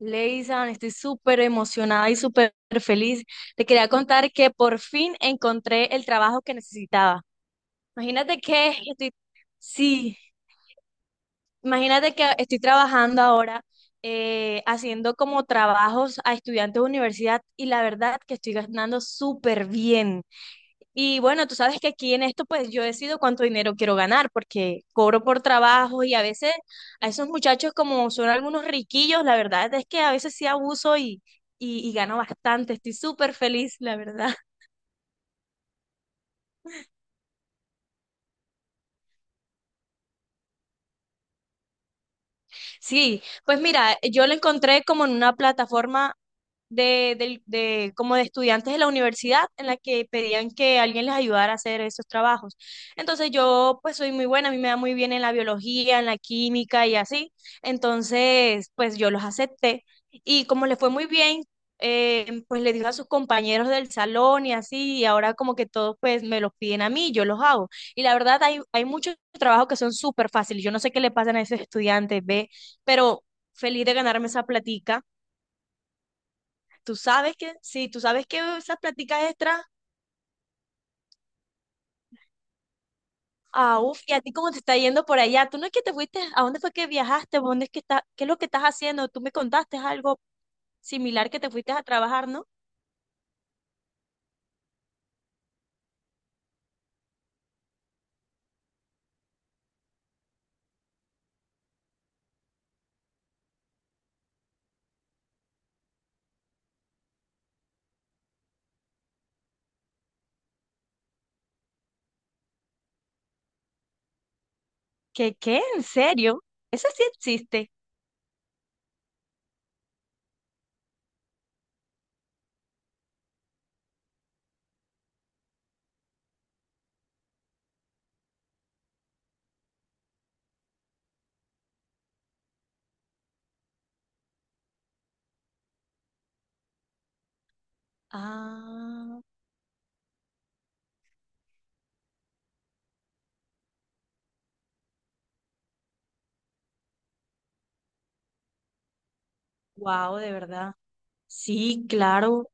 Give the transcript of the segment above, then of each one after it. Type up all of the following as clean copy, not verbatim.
Leisan, estoy súper emocionada y súper feliz. Te quería contar que por fin encontré el trabajo que necesitaba. Imagínate que estoy, sí, imagínate que estoy trabajando ahora haciendo como trabajos a estudiantes de universidad y la verdad que estoy ganando súper bien. Y bueno, tú sabes que aquí en esto, pues yo decido cuánto dinero quiero ganar, porque cobro por trabajo y a veces a esos muchachos, como son algunos riquillos, la verdad es que a veces sí abuso y gano bastante. Estoy súper feliz, la verdad. Sí, pues mira, yo lo encontré como en una plataforma como de estudiantes de la universidad en la que pedían que alguien les ayudara a hacer esos trabajos. Entonces yo pues soy muy buena, a mí me da muy bien en la biología, en la química y así. Entonces pues yo los acepté y como les fue muy bien, pues le dijo a sus compañeros del salón y así y ahora como que todos pues me los piden a mí, yo los hago. Y la verdad hay muchos trabajos que son súper fáciles. Yo no sé qué le pasan a esos estudiantes, ¿ve? Pero feliz de ganarme esa platica. Tú sabes que, sí, tú sabes que esas prácticas extras, ah, uf, y a ti cómo te está yendo por allá, tú no es que te fuiste, ¿a dónde fue que viajaste? ¿Dónde es que está, qué es lo que estás haciendo? Tú me contaste algo similar que te fuiste a trabajar, ¿no? ¿Qué, qué? ¿En serio? Eso sí existe. Ah, wow, de verdad. Sí, claro.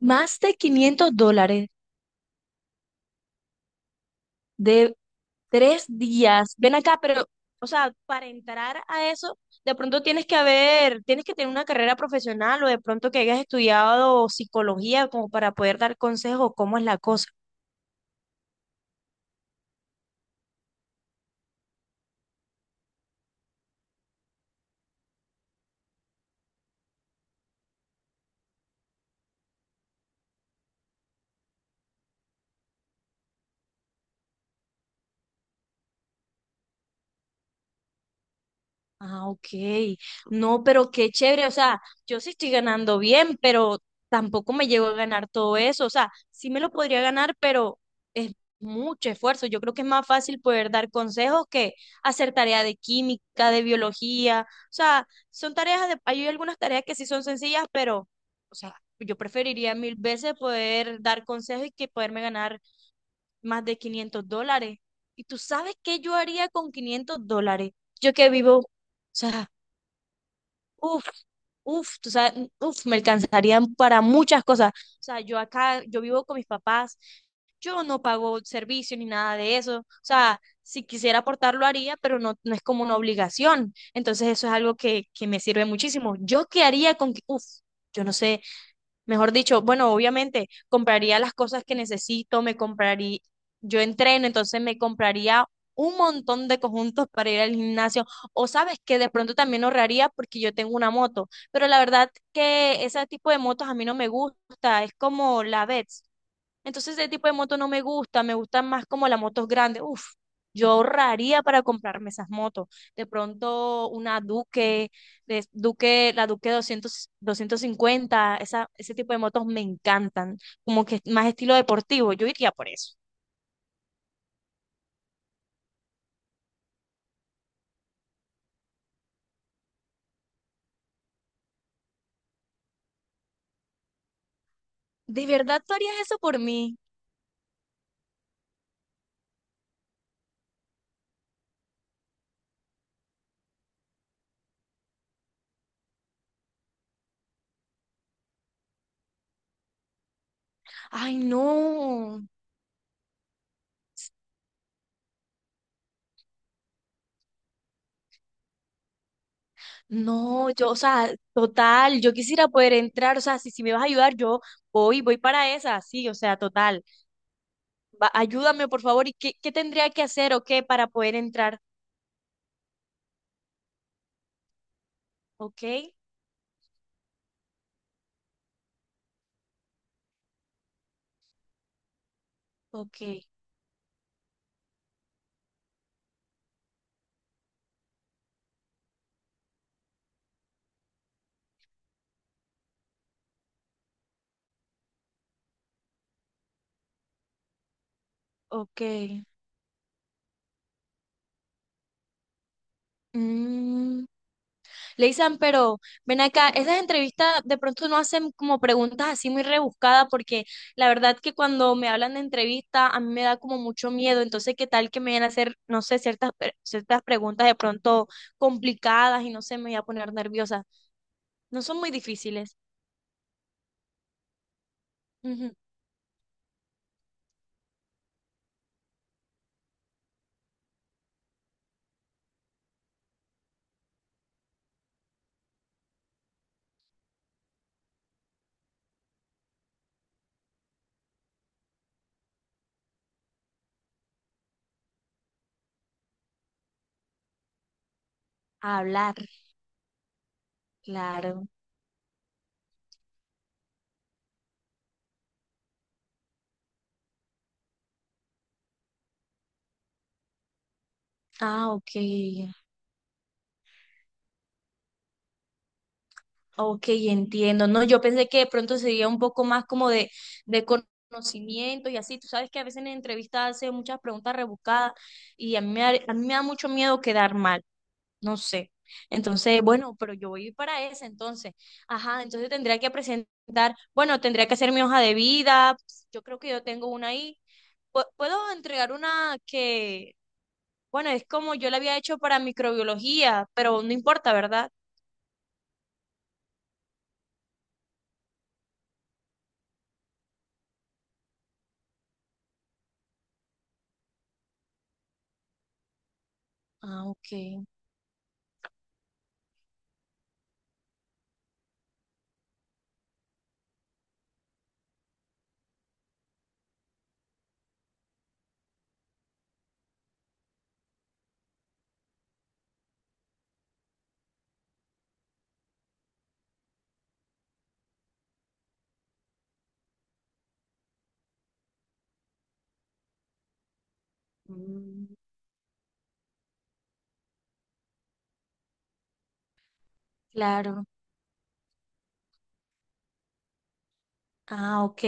Más de 500 dólares. Tres días. Ven acá, pero, o sea, para entrar a eso, de pronto tienes que haber, tienes que tener una carrera profesional o de pronto que hayas estudiado psicología como para poder dar consejos, cómo es la cosa. Ah, ok. No, pero qué chévere. O sea, yo sí estoy ganando bien, pero tampoco me llego a ganar todo eso. O sea, sí me lo podría ganar, pero es mucho esfuerzo. Yo creo que es más fácil poder dar consejos que hacer tarea de química, de biología. O sea, son tareas de, hay algunas tareas que sí son sencillas, pero, o sea, yo preferiría mil veces poder dar consejos y que poderme ganar más de 500 dólares. ¿Y tú sabes qué yo haría con 500 dólares? Yo que vivo... O sea, uf, uf, tú sabes, uf, me alcanzarían para muchas cosas. O sea, yo acá, yo vivo con mis papás, yo no pago servicio ni nada de eso. O sea, si quisiera aportar lo haría, pero no, no es como una obligación. Entonces eso es algo que me sirve muchísimo. ¿Yo qué haría con, que- uf, yo no sé, mejor dicho, bueno, obviamente compraría las cosas que necesito, me compraría, yo entreno, entonces me compraría un montón de conjuntos para ir al gimnasio. O sabes que de pronto también ahorraría porque yo tengo una moto, pero la verdad que ese tipo de motos a mí no me gusta, es como la Vets. Entonces ese tipo de moto no me gusta, me gustan más como las motos grandes. Uf, yo ahorraría para comprarme esas motos. De pronto una Duque, Duque, la Duque 200, 250, esa, ese tipo de motos me encantan, como que más estilo deportivo, yo iría por eso. ¿De verdad tú harías eso por mí? Ay, no, no, yo, o sea, total, yo quisiera poder entrar, o sea, si, si me vas a ayudar, yo voy para esa, sí, o sea, total. Ayúdame por favor, ¿y qué, qué tendría que hacer o qué para poder entrar? Ok, ok, ok. Mm. Leisan, pero ven acá, esas entrevistas de pronto no hacen como preguntas así muy rebuscadas porque la verdad que cuando me hablan de entrevista a mí me da como mucho miedo, entonces qué tal que me vayan a hacer, no sé, ciertas, ciertas preguntas de pronto complicadas y no sé, me voy a poner nerviosa. No son muy difíciles. Ujú. Hablar, claro. Ah, ok. Ok, entiendo. No, yo pensé que de pronto sería un poco más como de conocimiento y así. Tú sabes que a veces en entrevistas hacen muchas preguntas rebuscadas y a mí me da mucho miedo quedar mal. No sé. Entonces, bueno, pero yo voy para esa entonces. Ajá, entonces tendría que presentar, bueno, tendría que hacer mi hoja de vida. Yo creo que yo tengo una ahí. Puedo entregar una que, bueno, es como yo la había hecho para microbiología, pero no importa, ¿verdad? Ah, ok. Mm, claro. Ah, ok.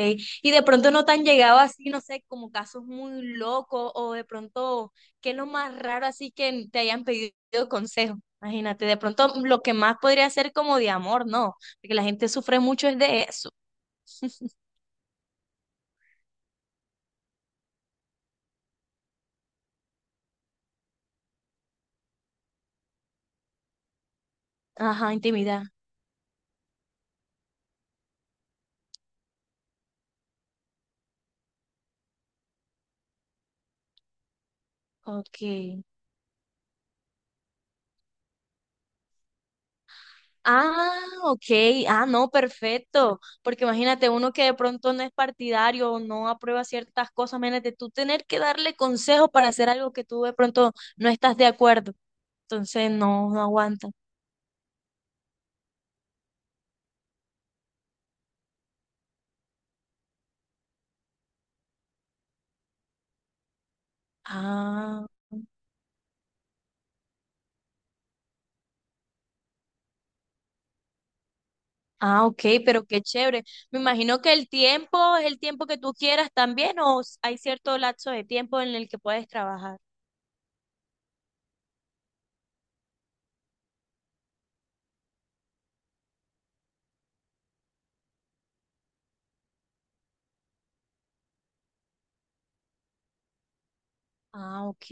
Y de pronto no te han llegado así, no sé, como casos muy locos o de pronto, ¿qué es lo más raro así que te hayan pedido consejo? Imagínate, de pronto lo que más podría ser como de amor, ¿no? Porque la gente sufre mucho es de eso. Ajá, intimidad. Ok. Ah, ok. Ah, no, perfecto. Porque imagínate, uno que de pronto no es partidario o no aprueba ciertas cosas, imagínate tú tener que darle consejo para hacer algo que tú de pronto no estás de acuerdo. Entonces, no, no aguanta. Ah, ah, ok, pero qué chévere. Me imagino que el tiempo es el tiempo que tú quieras también o s- hay cierto lapso de tiempo en el que puedes trabajar. Ah, ok.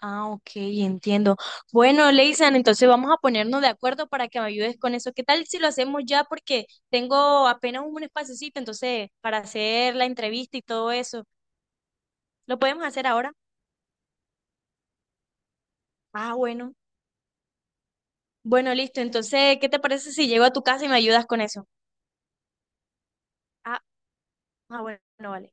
Ah, ok, entiendo. Bueno, Leisan, entonces vamos a ponernos de acuerdo para que me ayudes con eso. ¿Qué tal si lo hacemos ya? Porque tengo apenas un espacecito, entonces, para hacer la entrevista y todo eso. ¿Lo podemos hacer ahora? Ah, bueno. Bueno, listo. Entonces, ¿qué te parece si llego a tu casa y me ayudas con eso? Ah, ah, bueno, vale.